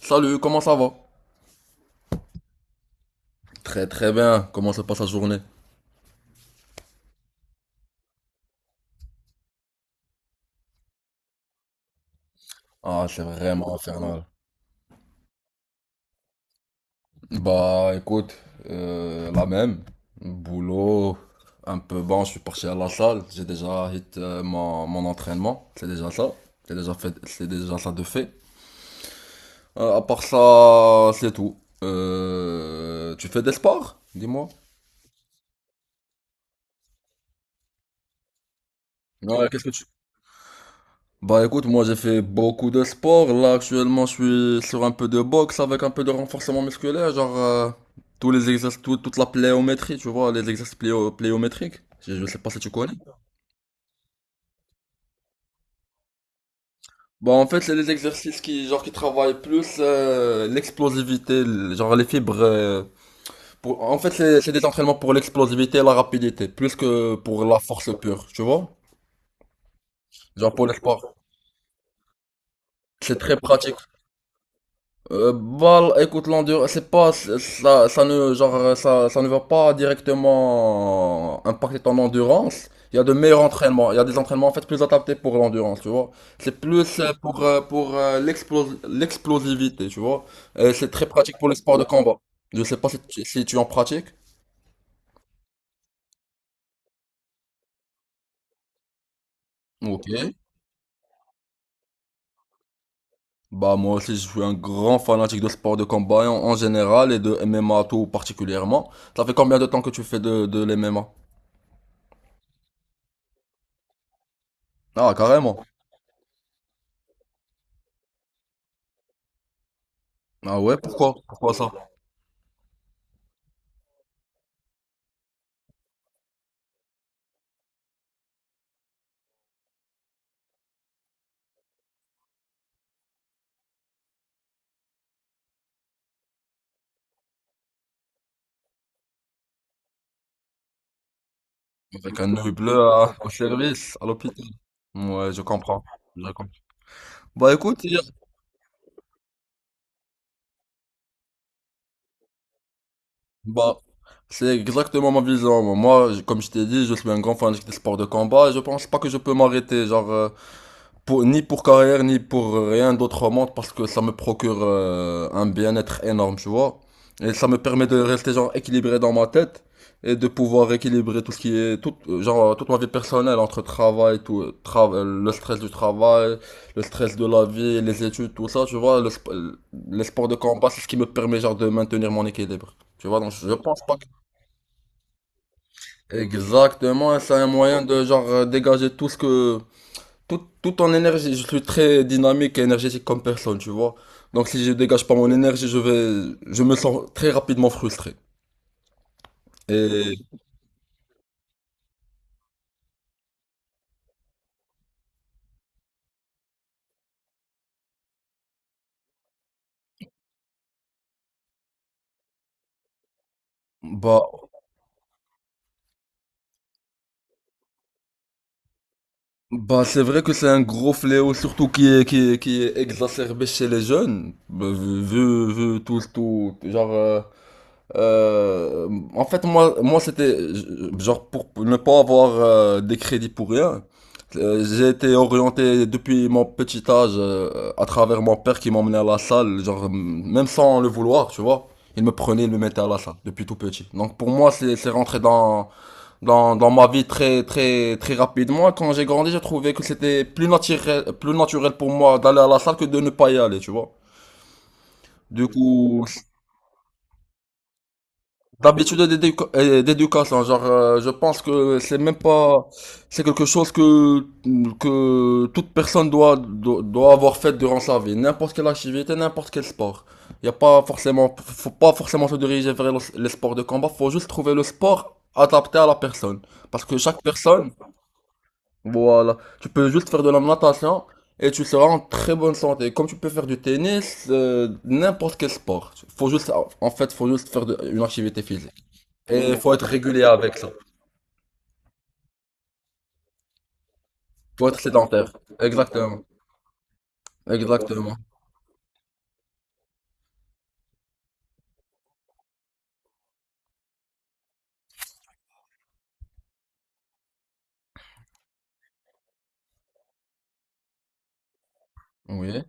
Salut, comment ça va? Très très bien, comment se passe la journée? Ah, c'est vraiment infernal. Bah écoute, la même. Boulot, un peu bon, je suis parti à la salle, j'ai déjà hit mon entraînement, c'est déjà ça. C'est déjà fait, c'est déjà ça de fait. À part ça, c'est tout. Tu fais des sports? Dis-moi. Ouais, qu'est-ce que tu... Bah écoute, moi j'ai fait beaucoup de sport. Là actuellement, je suis sur un peu de boxe avec un peu de renforcement musculaire, genre tous les exercices, toute la pléométrie, tu vois, les exercices pléométriques. Je sais pas si tu connais. Bah en fait, c'est les exercices qui genre qui travaillent plus l'explosivité, genre les fibres. En fait, c'est des entraînements pour l'explosivité et la rapidité, plus que pour la force pure, tu vois. Genre pour les sports, c'est très pratique. Bah, écoute, l'endurance, c'est pas, ça ne, genre, ça ne va pas directement impacter ton endurance. Il y a de meilleurs entraînements. Il y a des entraînements, en fait, plus adaptés pour l'endurance, tu vois. C'est plus pour l'explosivité, tu vois. Et c'est très pratique pour les sports de combat. Je sais pas si tu, si tu en pratiques. Ok. Bah, moi aussi, je suis un grand fanatique de sports de combat en général et de MMA tout particulièrement. Ça fait combien de temps que tu fais de l'MMA? Ah, carrément. Ah ouais, pourquoi? Pourquoi ça? Avec un œil bleu au service, à l'hôpital. Ouais, je comprends. Je comprends. Bah écoute, bah, c'est exactement ma vision. Moi, comme je t'ai dit, je suis un grand fanatique des sports de combat et je pense pas que je peux m'arrêter. Genre, pour, ni pour carrière, ni pour rien d'autre au monde, parce que ça me procure un bien-être énorme, tu vois. Et ça me permet de rester genre équilibré dans ma tête et de pouvoir équilibrer tout ce qui est tout genre toute ma vie personnelle entre travail le stress du travail, le stress de la vie, les études, tout ça, tu vois, les sports de combat, c'est ce qui me permet genre de maintenir mon équilibre, tu vois. Donc je pense pas que... Exactement, c'est un moyen de genre dégager tout ce que tout, tout en énergie, je suis très dynamique et énergétique comme personne, tu vois. Donc si je dégage pas mon énergie, je me sens très rapidement frustré. Et bah, bah c'est vrai que c'est un gros fléau, surtout qui est exacerbé chez les jeunes, bah, vu tout, genre Euh, en fait, moi, c'était genre pour ne pas avoir des crédits pour rien. J'ai été orienté depuis mon petit âge à travers mon père qui m'emmenait à la salle, genre même sans le vouloir, tu vois. Il me prenait, il me mettait à la salle depuis tout petit. Donc pour moi, c'est rentré dans ma vie très très très rapidement. Quand j'ai grandi, j'ai trouvé que c'était plus naturel pour moi d'aller à la salle que de ne pas y aller, tu vois. Du coup, d'habitude, d'éducation, genre je pense que c'est même pas, c'est quelque chose que toute personne doit avoir fait durant sa vie, n'importe quelle activité, n'importe quel sport. Il y a pas forcément, faut pas forcément se diriger vers les sports de combat, faut juste trouver le sport adapté à la personne, parce que chaque personne, voilà, tu peux juste faire de la natation et tu seras en très bonne santé. Comme tu peux faire du tennis, n'importe quel sport. Faut juste, en fait faut juste faire une activité physique. Et il faut être régulier avec ça. Il faut être sédentaire. Exactement. Exactement. Oui.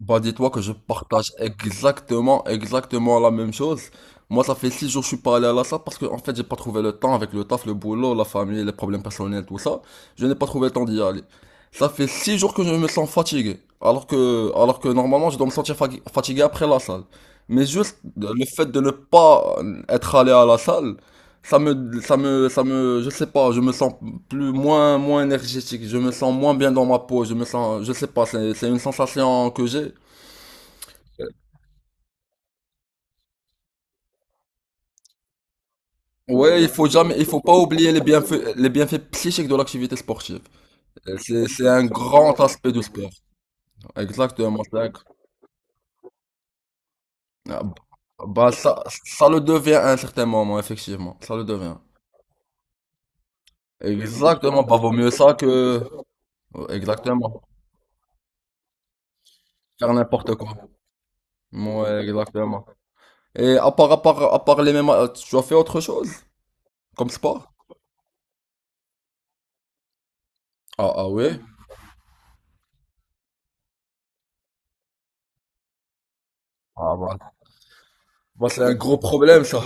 Bah dis-toi que je partage exactement, exactement la même chose. Moi, ça fait 6 jours que je suis pas allé à la salle, parce que en fait, j'ai pas trouvé le temps avec le taf, le boulot, la famille, les problèmes personnels, tout ça. Je n'ai pas trouvé le temps d'y aller. Ça fait six jours que je me sens fatigué. Alors que normalement, je dois me sentir fatigué après la salle. Mais juste le fait de ne pas être allé à la salle, je sais pas, je me sens moins énergétique, je me sens moins bien dans ma peau, je me sens, je sais pas, c'est une sensation que j'ai. Ouais, il faut pas oublier les bienfaits psychiques de l'activité sportive. C'est un grand aspect du sport. Exactement, ah, bah, ça le devient à un certain moment, effectivement. Ça le devient. Exactement, bah, vaut mieux ça que, exactement, faire n'importe quoi. Ouais, exactement. Et à part les mêmes, tu as fait autre chose comme sport? Ah, ah ouais? Ah bah. Bah, c'est un gros problème ça.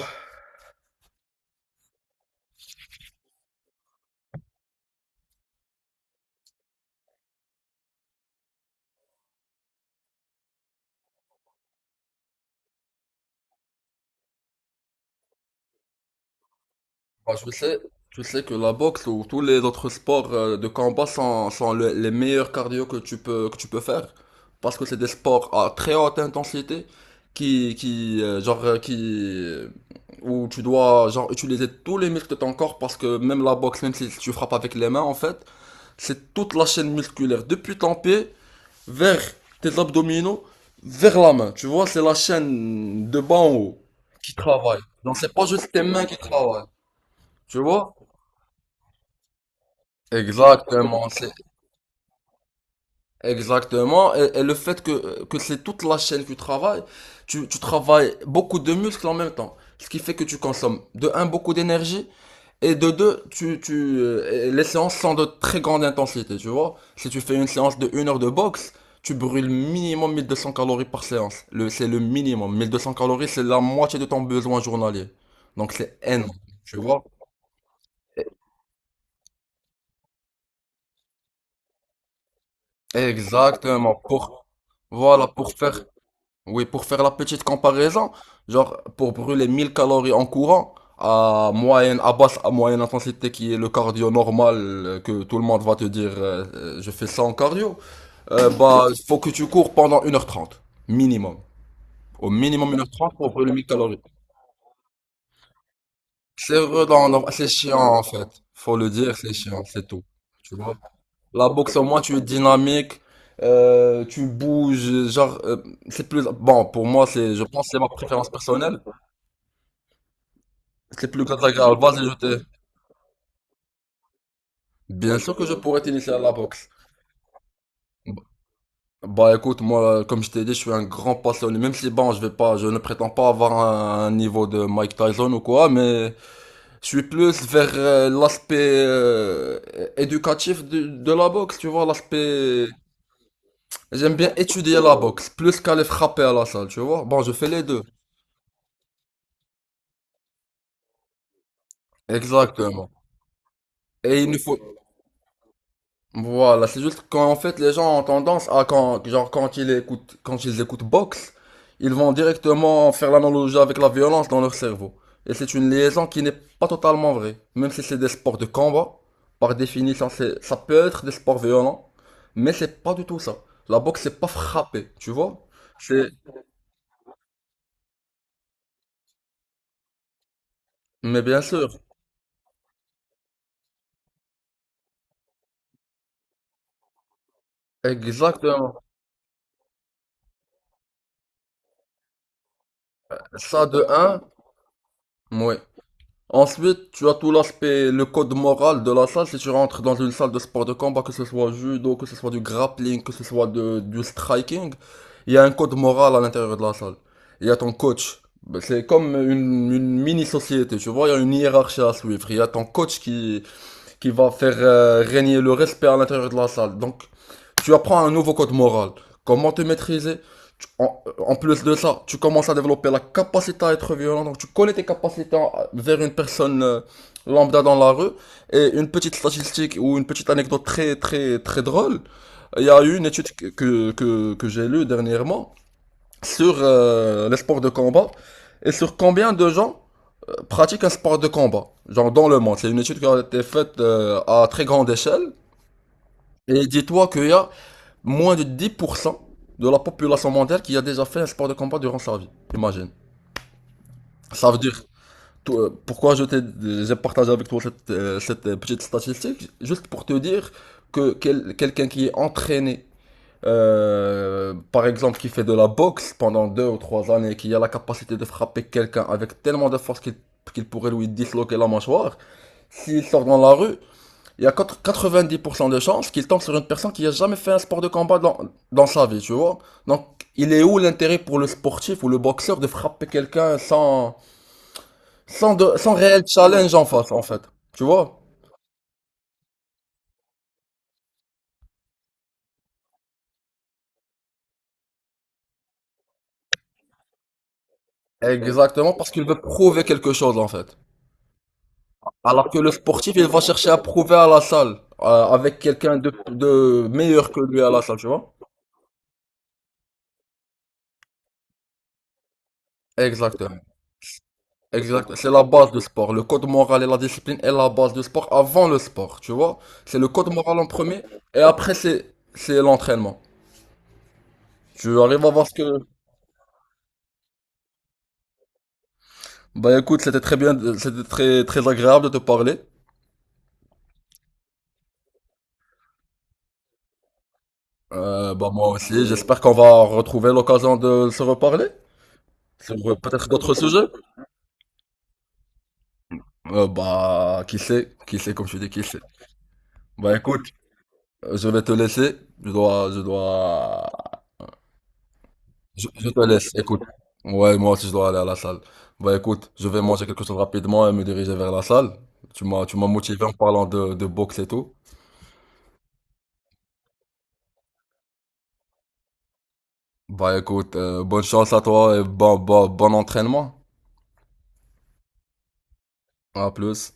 Bah, je sais, tu sais que la boxe ou tous les autres sports de combat sont, les meilleurs cardio que tu peux faire. Parce que c'est des sports à très haute intensité qui, qui, euh, genre, euh, qui, euh, où tu dois, genre, utiliser tous les muscles de ton corps parce que même la boxe, même si tu frappes avec les mains, en fait, c'est toute la chaîne musculaire depuis ton pied vers tes abdominaux, vers la main. Tu vois, c'est la chaîne de bas en haut qui travaille. Donc c'est pas juste tes mains qui travaillent. Tu vois? Exactement, c'est exactement. Et le fait que, c'est toute la chaîne que tu travailles, tu travailles beaucoup de muscles en même temps. Ce qui fait que tu consommes de un beaucoup d'énergie et de deux, les séances sont de très grande intensité, tu vois. Si tu fais une séance de 1 heure de boxe, tu brûles minimum 1 200 calories par séance. C'est le minimum. 1 200 calories, c'est la moitié de ton besoin journalier. Donc c'est énorme, tu vois. Exactement. Pour, voilà, pour faire, Oui, pour faire la petite comparaison, genre pour brûler 1 000 calories en courant, à basse, à moyenne intensité qui est le cardio normal que tout le monde va te dire je fais ça en cardio, bah faut que tu cours pendant 1 h 30, minimum. Au minimum 1 h 30 pour brûler 1000 calories. C'est redondant, c'est chiant en fait. Faut le dire, c'est chiant, c'est tout. Tu vois? La boxe au moins tu es dynamique, tu bouges, genre c'est plus bon pour moi, c'est je pense que c'est ma préférence personnelle. C'est plus catégorique. Vas-y, je t'ai. Bien sûr que je pourrais t'initier à la boxe. B- Bah écoute, moi, comme je t'ai dit, je suis un grand passionné. Même si, bon, je ne prétends pas avoir un niveau de Mike Tyson ou quoi, mais je suis plus vers l'aspect euh, éducatif de la boxe, tu vois, l'aspect. J'aime bien étudier la boxe, plus qu'aller frapper à la salle, tu vois. Bon, je fais les deux. Exactement. Et il ne faut, Voilà, c'est juste qu'en fait les gens ont tendance à quand genre quand ils écoutent boxe, ils vont directement faire l'analogie avec la violence dans leur cerveau. Et c'est une liaison qui n'est pas totalement vraie. Même si c'est des sports de combat, par définition, c'est ça peut être des sports violents, mais c'est pas du tout ça. La boxe c'est pas frapper, tu vois? C'est Mais bien sûr, exactement. Ça de un, oui. Ensuite, tu as tout l'aspect, le code moral de la salle. Si tu rentres dans une salle de sport de combat, que ce soit judo, que ce soit du grappling, que ce soit du striking, il y a un code moral à l'intérieur de la salle. Il y a ton coach. Ben, c'est comme une mini-société, tu vois, il y a une hiérarchie à suivre. Il y a ton coach qui va faire régner le respect à l'intérieur de la salle. Donc, tu apprends un nouveau code moral. Comment te maîtriser. Tu- en, En plus de ça, tu commences à développer la capacité à être violent. Donc, tu connais tes capacités vers une personne lambda dans la rue. Et une petite statistique ou une petite anecdote très, très, très drôle. Il y a eu une étude que j'ai lue dernièrement sur les sports de combat, et sur combien de gens pratiquent un sport de combat, genre dans le monde. C'est une étude qui a été faite à très grande échelle. Et dis-toi qu'il y a moins de 10% de la population mondiale qui a déjà fait un sport de combat durant sa vie. Imagine. Ça veut dire, toi, j'ai partagé avec toi cette, cette petite statistique, juste pour te dire que quelqu'un qui est entraîné, par exemple, qui fait de la boxe pendant 2 ou 3 années, qui a la capacité de frapper quelqu'un avec tellement de force qu'il pourrait lui disloquer la mâchoire, s'il sort dans la rue, il y a 90% de chances qu'il tombe sur une personne qui a jamais fait un sport de combat dans sa vie, tu vois. Donc, il est où l'intérêt pour le sportif ou le boxeur de frapper quelqu'un sans réel challenge en face, en fait? Tu vois? Exactement, parce qu'il veut prouver quelque chose, en fait. Alors que le sportif, il va chercher à prouver à la salle, avec quelqu'un de meilleur que lui à la salle, tu vois? Exactement. Exact, c'est la base du sport. Le code moral et la discipline est la base du sport avant le sport, tu vois. C'est le code moral en premier, et après c'est l'entraînement. Tu arrives à voir ce que... Bah écoute, c'était très bien, c'était très très agréable de te parler. Bah moi aussi, j'espère qu'on va retrouver l'occasion de se reparler sur peut-être d'autres sujets. Bah qui sait comme tu dis, qui sait. Bah écoute, je vais te laisser. Je dois. Je te laisse, écoute. Ouais, moi aussi je dois aller à la salle. Bah écoute, je vais manger quelque chose rapidement et me diriger vers la salle. Tu m'as motivé en parlant de boxe et tout. Bah écoute, bonne chance à toi et bon, bon, bon entraînement. À plus.